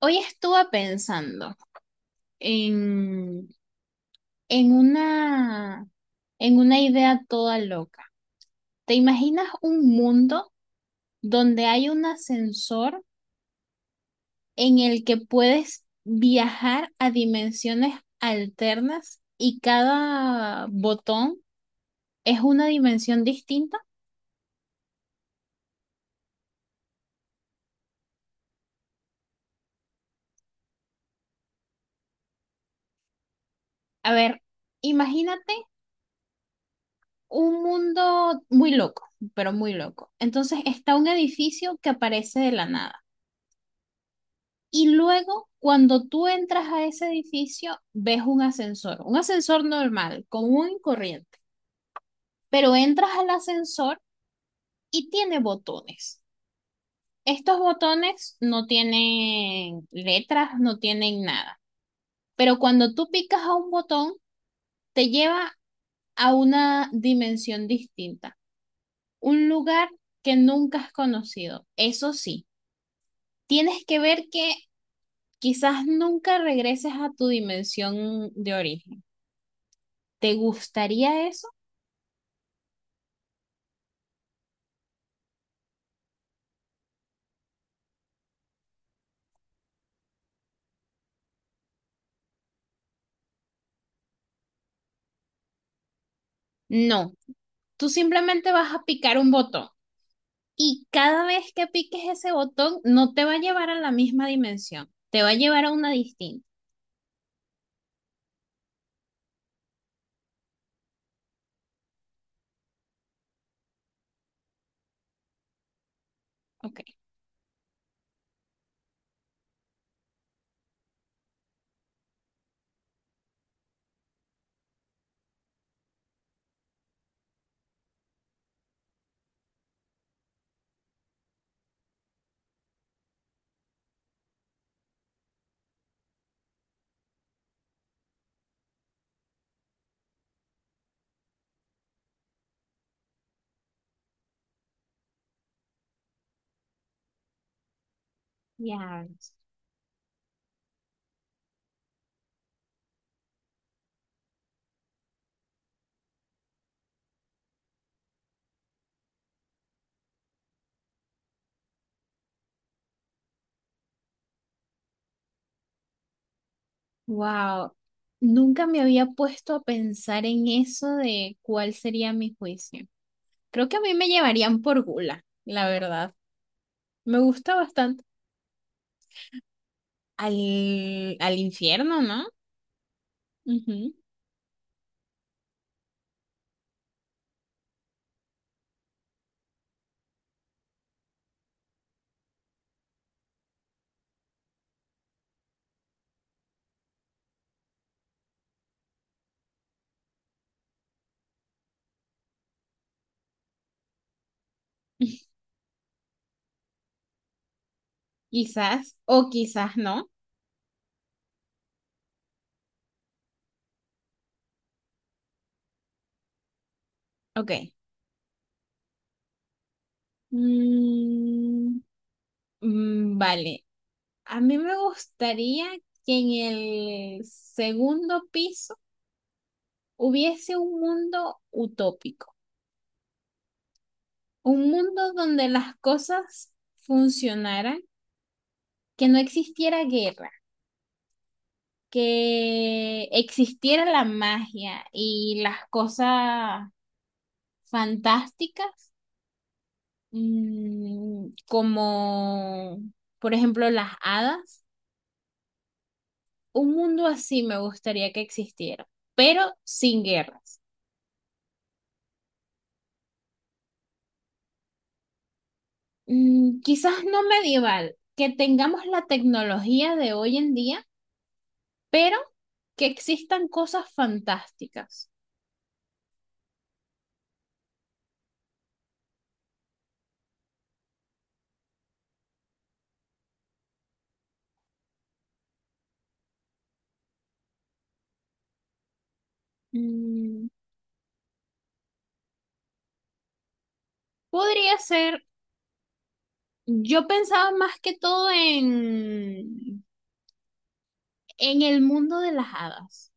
Hoy estuve pensando en, en una, en una idea toda loca. ¿Te imaginas un mundo donde hay un ascensor en el que puedes viajar a dimensiones alternas y cada botón es una dimensión distinta? A ver, imagínate un mundo muy loco, pero muy loco. Entonces está un edificio que aparece de la nada. Y luego, cuando tú entras a ese edificio, ves un ascensor normal, común y corriente, pero entras al ascensor y tiene botones. Estos botones no tienen letras, no tienen nada, pero cuando tú picas a un botón, te lleva a una dimensión distinta, un lugar que nunca has conocido. Eso sí, tienes que ver que quizás nunca regreses a tu dimensión de origen. ¿Te gustaría eso? No, tú simplemente vas a picar un botón y cada vez que piques ese botón no te va a llevar a la misma dimensión, te va a llevar a una distinta. Ok, ya. Wow, nunca me había puesto a pensar en eso de cuál sería mi juicio. Creo que a mí me llevarían por gula, la verdad. Me gusta bastante. Al infierno, ¿no? Ujú. Quizás, o quizás no. Ok. Mm, mm, vale, a mí me gustaría que en el segundo piso hubiese un mundo utópico, un mundo donde las cosas funcionaran, que no existiera guerra, que existiera la magia y las cosas fantásticas, como por ejemplo las hadas. Un mundo así me gustaría que existiera, pero sin guerras. Mm, quizás no medieval, que tengamos la tecnología de hoy en día, pero que existan cosas fantásticas. Mm, podría ser, yo pensaba más que todo en el mundo de las hadas.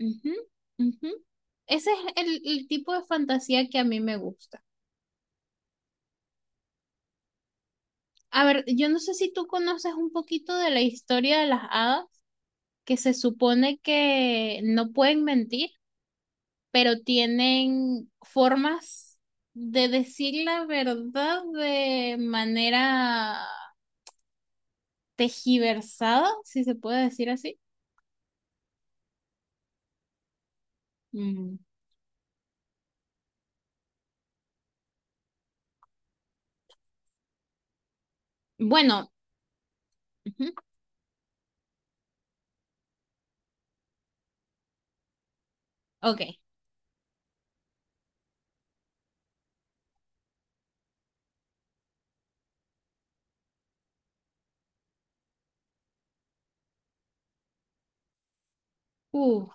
Ujú, ujú. Ese es el tipo de fantasía que a mí me gusta. A ver, yo no sé si tú conoces un poquito de la historia de las hadas, que se supone que no pueden mentir pero tienen formas de decir la verdad de manera tejiversada, si se puede decir así. Mm. Bueno, ujú, ok. Uf,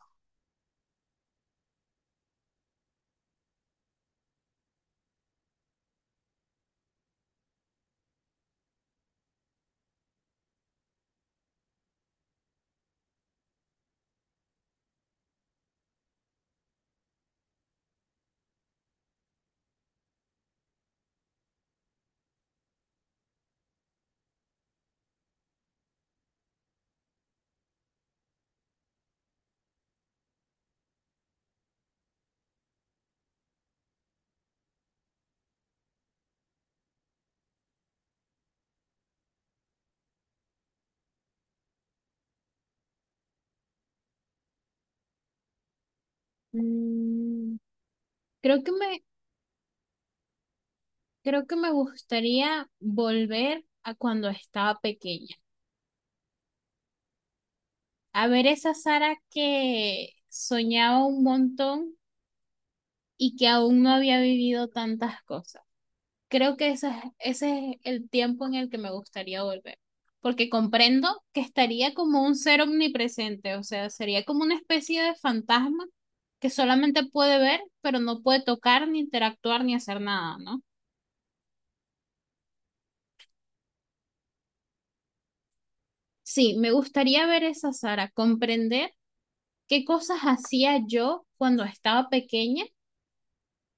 mm, creo que me, creo que me gustaría volver a cuando estaba pequeña, a ver esa Sara que soñaba un montón y que aún no había vivido tantas cosas. Creo que ese es el tiempo en el que me gustaría volver, porque comprendo que estaría como un ser omnipresente, o sea, sería como una especie de fantasma que solamente puede ver, pero no puede tocar, ni interactuar, ni hacer nada, ¿no? Sí, me gustaría ver esa Sara, comprender qué cosas hacía yo cuando estaba pequeña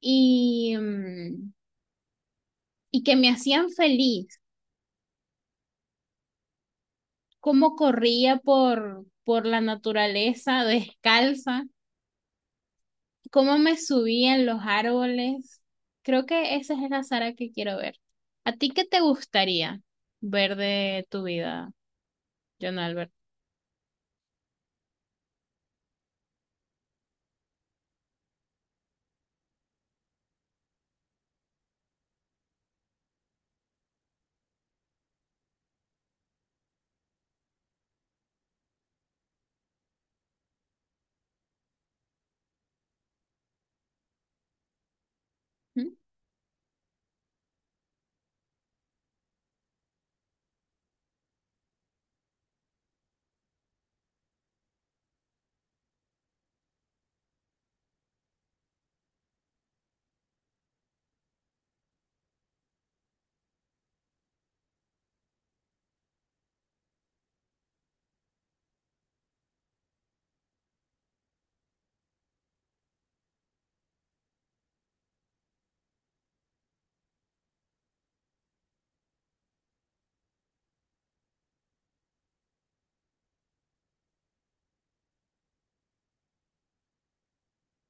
y, y que me hacían feliz, cómo corría por la naturaleza descalza, cómo me subí en los árboles. Creo que esa es la Sara que quiero ver. ¿A ti qué te gustaría ver de tu vida, John Albert? ¿Mm?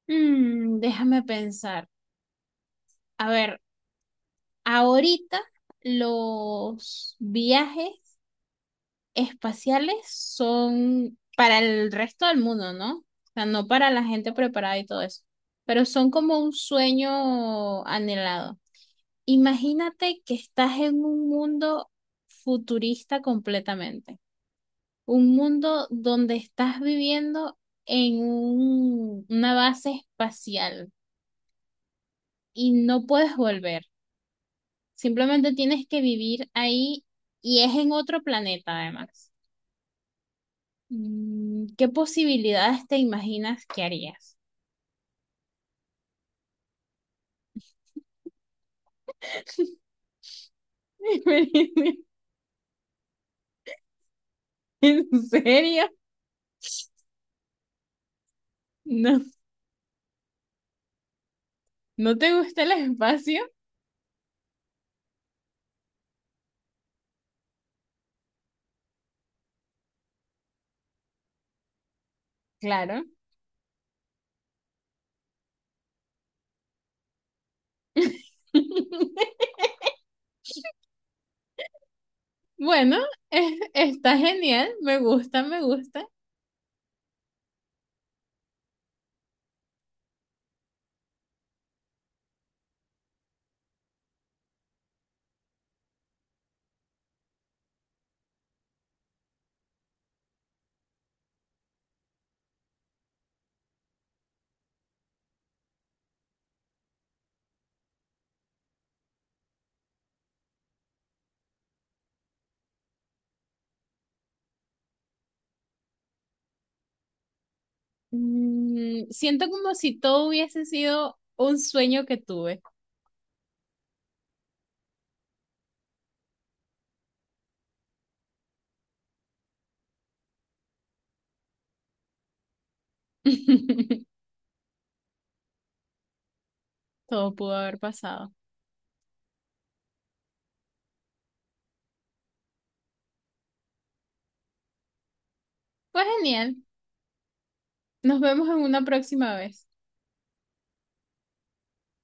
Mm, déjame pensar. A ver, ahorita los viajes espaciales son para el resto del mundo, ¿no? O sea, no para la gente preparada y todo eso, pero son como un sueño anhelado. Imagínate que estás en un mundo futurista completamente, un mundo donde estás viviendo en una base espacial y no puedes volver, simplemente tienes que vivir ahí y es en otro planeta además. Mm, ¿qué posibilidades te imaginas que harías? ¿En serio? ¿No, no te gusta el espacio? Claro. Bueno, eh, está genial, me gusta, me gusta. Mm, siento como si todo hubiese sido un sueño que tuve. Todo pudo haber pasado. Pues genial, nos vemos en una próxima vez.